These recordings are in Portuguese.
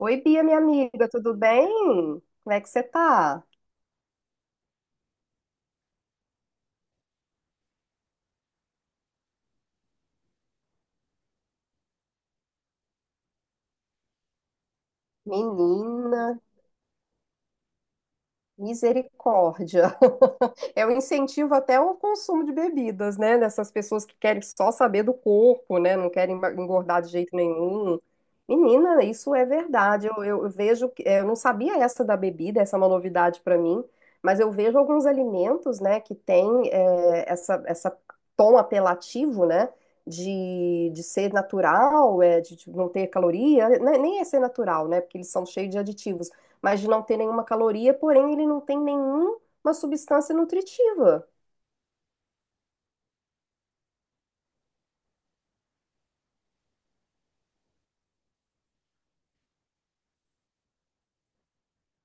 Oi, Bia, minha amiga, tudo bem? Como é que você tá? Menina, misericórdia. Eu incentivo até o consumo de bebidas, né? Dessas pessoas que querem só saber do corpo, né? Não querem engordar de jeito nenhum. Menina, isso é verdade. Eu vejo, eu não sabia essa da bebida, essa é uma novidade para mim, mas eu vejo alguns alimentos, né, que tem essa tom apelativo, né? De ser natural, de não ter caloria, né, nem é ser natural, né? Porque eles são cheios de aditivos, mas de não ter nenhuma caloria, porém ele não tem nenhuma substância nutritiva.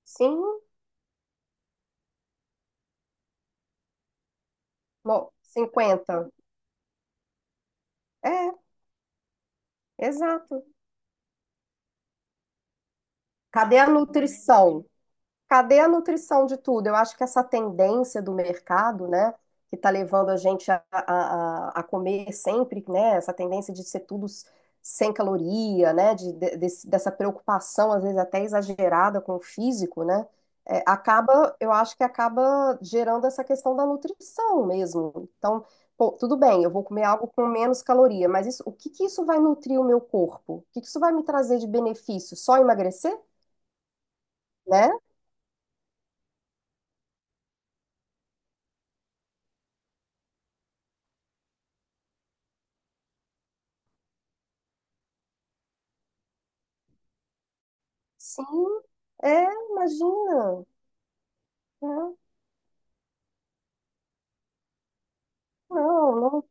Sim, bom, 50. É, exato. Cadê a nutrição? Cadê a nutrição de tudo? Eu acho que essa tendência do mercado, né, que está levando a gente comer sempre, né, essa tendência de ser tudo sem caloria, né, dessa preocupação, às vezes até exagerada com o físico, né, acaba, eu acho que acaba gerando essa questão da nutrição mesmo. Então, pô, tudo bem, eu vou comer algo com menos caloria, mas isso, o que que isso vai nutrir o meu corpo? O que que isso vai me trazer de benefício? Só emagrecer? Né? Sim, imagina. Né? Não, não.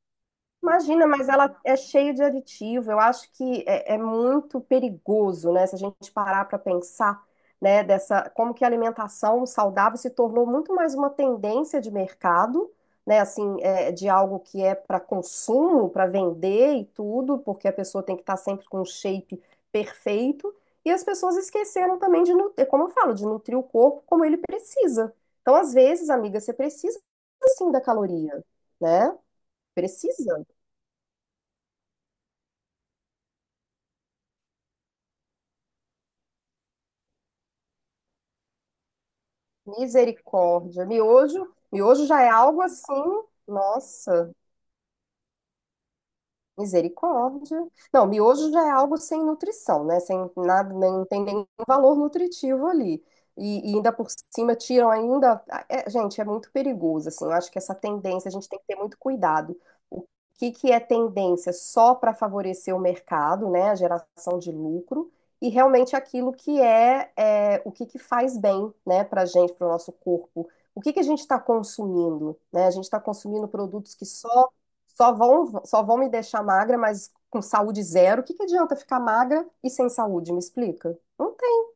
Imagina, mas ela é cheia de aditivo. Eu acho que é muito perigoso, né? Se a gente parar para pensar, né, dessa como que a alimentação saudável se tornou muito mais uma tendência de mercado, né? Assim, é, de algo que é para consumo, para vender e tudo, porque a pessoa tem que estar sempre com um shape perfeito. E as pessoas esqueceram também de nutrir, como eu falo, de nutrir o corpo como ele precisa. Então, às vezes, amiga, você precisa sim da caloria, né? Precisa. Misericórdia. Miojo, miojo já é algo assim, nossa. Misericórdia. Não, miojo já é algo sem nutrição, né? Sem nada, nem não tem nenhum valor nutritivo ali. E ainda por cima tiram ainda. Ah, gente, é muito perigoso, assim. Eu acho que essa tendência a gente tem que ter muito cuidado. O que que é tendência só para favorecer o mercado, né? A geração de lucro e realmente aquilo que é o que que faz bem, né? Para gente, para o nosso corpo. O que que a gente está consumindo, né? A gente está consumindo produtos que só vão me deixar magra, mas com saúde zero. O que que adianta ficar magra e sem saúde? Me explica? Não tem.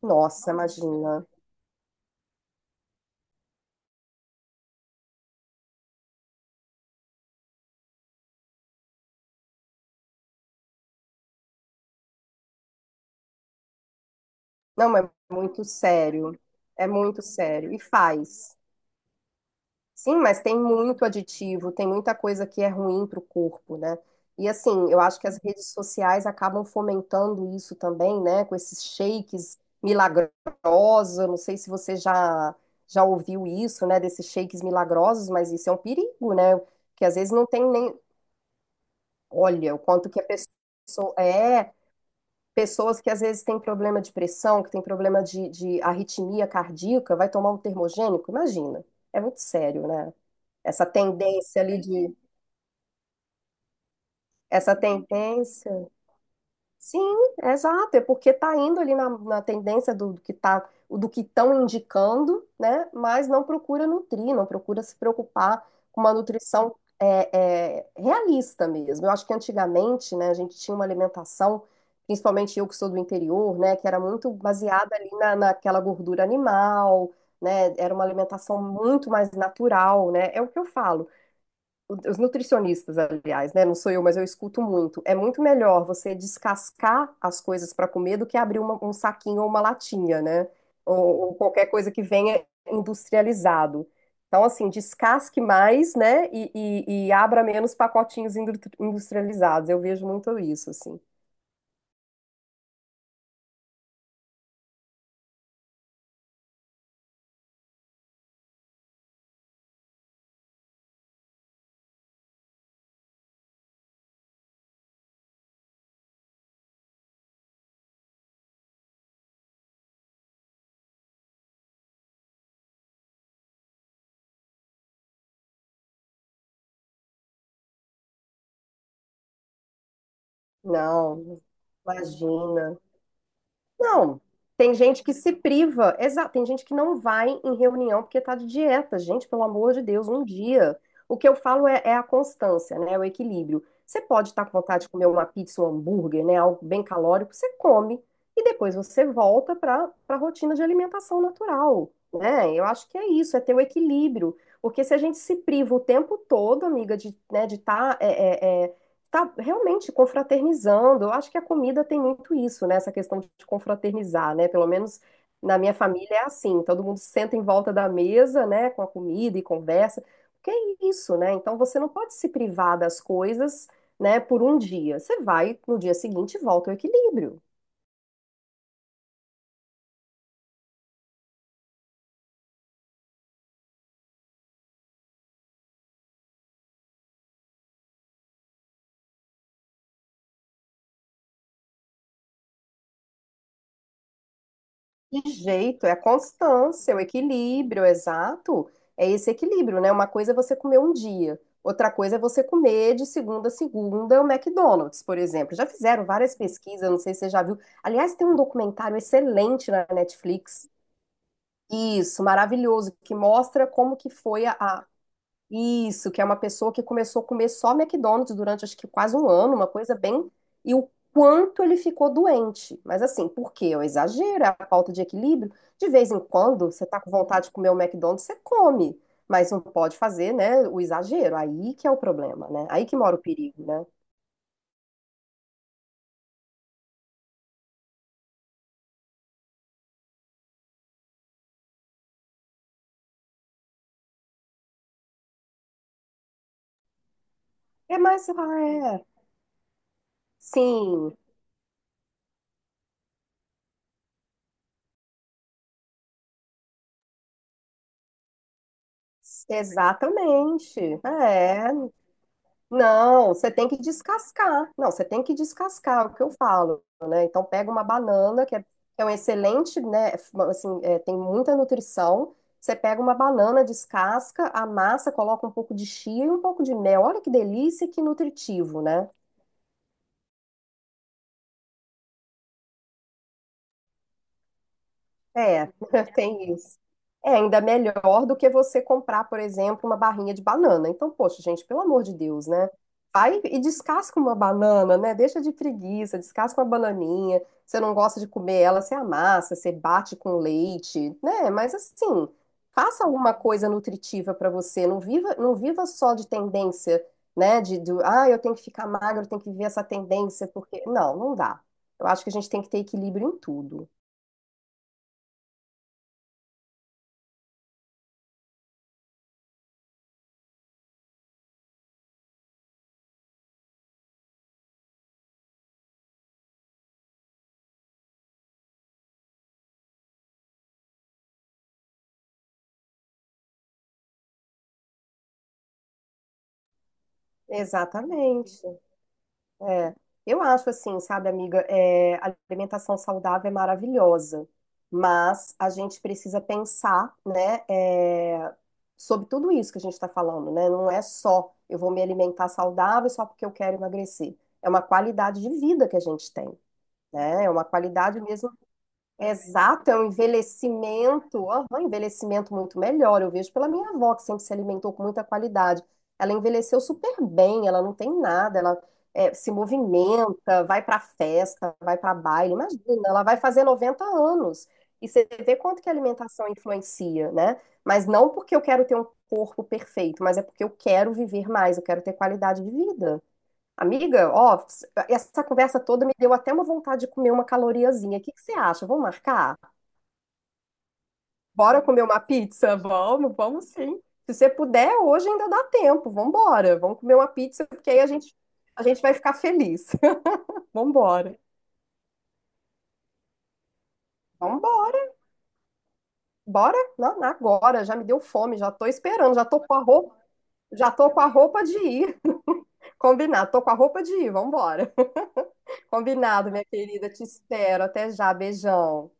Nossa, imagina. Não, é muito sério. É muito sério. E faz. Sim, mas tem muito aditivo, tem muita coisa que é ruim para o corpo, né? E assim, eu acho que as redes sociais acabam fomentando isso também, né? Com esses shakes milagrosos, eu não sei se você já ouviu isso, né? Desses shakes milagrosos, mas isso é um perigo, né? Que às vezes não tem nem. Olha, o quanto que a pessoa. É, pessoas que às vezes têm problema de pressão, que têm problema de arritmia cardíaca, vai tomar um termogênico, imagina. É muito sério, né? Essa tendência ali de. Essa tendência. Sim, exato. É porque tá indo ali na tendência do que estão indicando, né? Mas não procura nutrir, não procura se preocupar com uma nutrição realista mesmo. Eu acho que antigamente, né, a gente tinha uma alimentação, principalmente eu que sou do interior, né, que era muito baseada ali naquela gordura animal, né? Era uma alimentação muito mais natural, né? É o que eu falo, os nutricionistas, aliás, né? Não sou eu, mas eu escuto muito. É muito melhor você descascar as coisas para comer do que abrir um saquinho ou uma latinha, né? Ou, ou qualquer coisa que venha industrializado. Então, assim, descasque mais, né? E abra menos pacotinhos industrializados. Eu vejo muito isso, assim. Não, imagina. Não, tem gente que se priva, exato, tem gente que não vai em reunião porque tá de dieta. Gente, pelo amor de Deus, um dia. O que eu falo é a constância, né? É o equilíbrio. Você pode estar com vontade de comer uma pizza, um hambúrguer, né? Algo bem calórico, você come e depois você volta para a rotina de alimentação natural, né? Eu acho que é isso, é ter o equilíbrio. Porque se a gente se priva o tempo todo, amiga, de, né, de estar tá realmente confraternizando. Eu acho que a comida tem muito isso, né? Essa questão de confraternizar, né? Pelo menos na minha família é assim, todo mundo senta em volta da mesa, né, com a comida e conversa. Porque é isso, né? Então você não pode se privar das coisas, né, por um dia. Você vai no dia seguinte e volta ao equilíbrio. Jeito, é a constância, é o equilíbrio, exato. É esse equilíbrio, né? Uma coisa é você comer um dia, outra coisa é você comer de segunda a segunda o McDonald's, por exemplo. Já fizeram várias pesquisas, não sei se você já viu. Aliás, tem um documentário excelente na Netflix. Isso, maravilhoso, que mostra como que foi a isso, que é uma pessoa que começou a comer só McDonald's durante acho que quase um ano, uma coisa bem. E o quanto ele ficou doente. Mas assim, por quê? É o exagero, é a falta de equilíbrio. De vez em quando, você tá com vontade de comer um McDonald's, você come. Mas não pode fazer, né, o exagero. Aí que é o problema, né? Aí que mora o perigo, né? É mais. Ah, é. Sim, exatamente. É. Não, você tem que descascar. Não, você tem que descascar, é o que eu falo, né? Então pega uma banana, que é, é um excelente, né? Assim, tem muita nutrição. Você pega uma banana, descasca, amassa, coloca um pouco de chia e um pouco de mel. Olha que delícia, e que nutritivo, né? É, tem isso. É ainda melhor do que você comprar, por exemplo, uma barrinha de banana. Então, poxa, gente, pelo amor de Deus, né? Vai e descasca uma banana, né? Deixa de preguiça, descasca uma bananinha. Você não gosta de comer ela, você amassa, você bate com leite, né? Mas assim, faça alguma coisa nutritiva para você. Não viva, não viva só de tendência, né? Eu tenho que ficar magro, eu tenho que viver essa tendência, porque. Não, não dá. Eu acho que a gente tem que ter equilíbrio em tudo. Exatamente. É. Eu acho assim, sabe, amiga, a alimentação saudável é maravilhosa, mas a gente precisa pensar, né, sobre tudo isso que a gente está falando, né? Não é só eu vou me alimentar saudável só porque eu quero emagrecer. É uma qualidade de vida que a gente tem, né? É uma qualidade mesmo. Exato, é um envelhecimento, aham, um envelhecimento muito melhor. Eu vejo pela minha avó, que sempre se alimentou com muita qualidade. Ela envelheceu super bem, ela não tem nada, ela se movimenta, vai pra festa, vai pra baile. Imagina, ela vai fazer 90 anos. E você vê quanto que a alimentação influencia, né? Mas não porque eu quero ter um corpo perfeito, mas é porque eu quero viver mais, eu quero ter qualidade de vida. Amiga, ó, essa conversa toda me deu até uma vontade de comer uma caloriazinha. O que que você acha? Vamos marcar? Bora comer uma pizza? Vamos sim. Se você puder, hoje ainda dá tempo. Vamos embora. Vamos comer uma pizza, porque aí a gente vai ficar feliz. Vamos embora. Vamos embora. Bora? Não, agora. Já me deu fome, já tô esperando, já tô com a roupa de ir. Combinado. Tô com a roupa de ir. Vamos embora. Combinado, minha querida. Te espero. Até já. Beijão.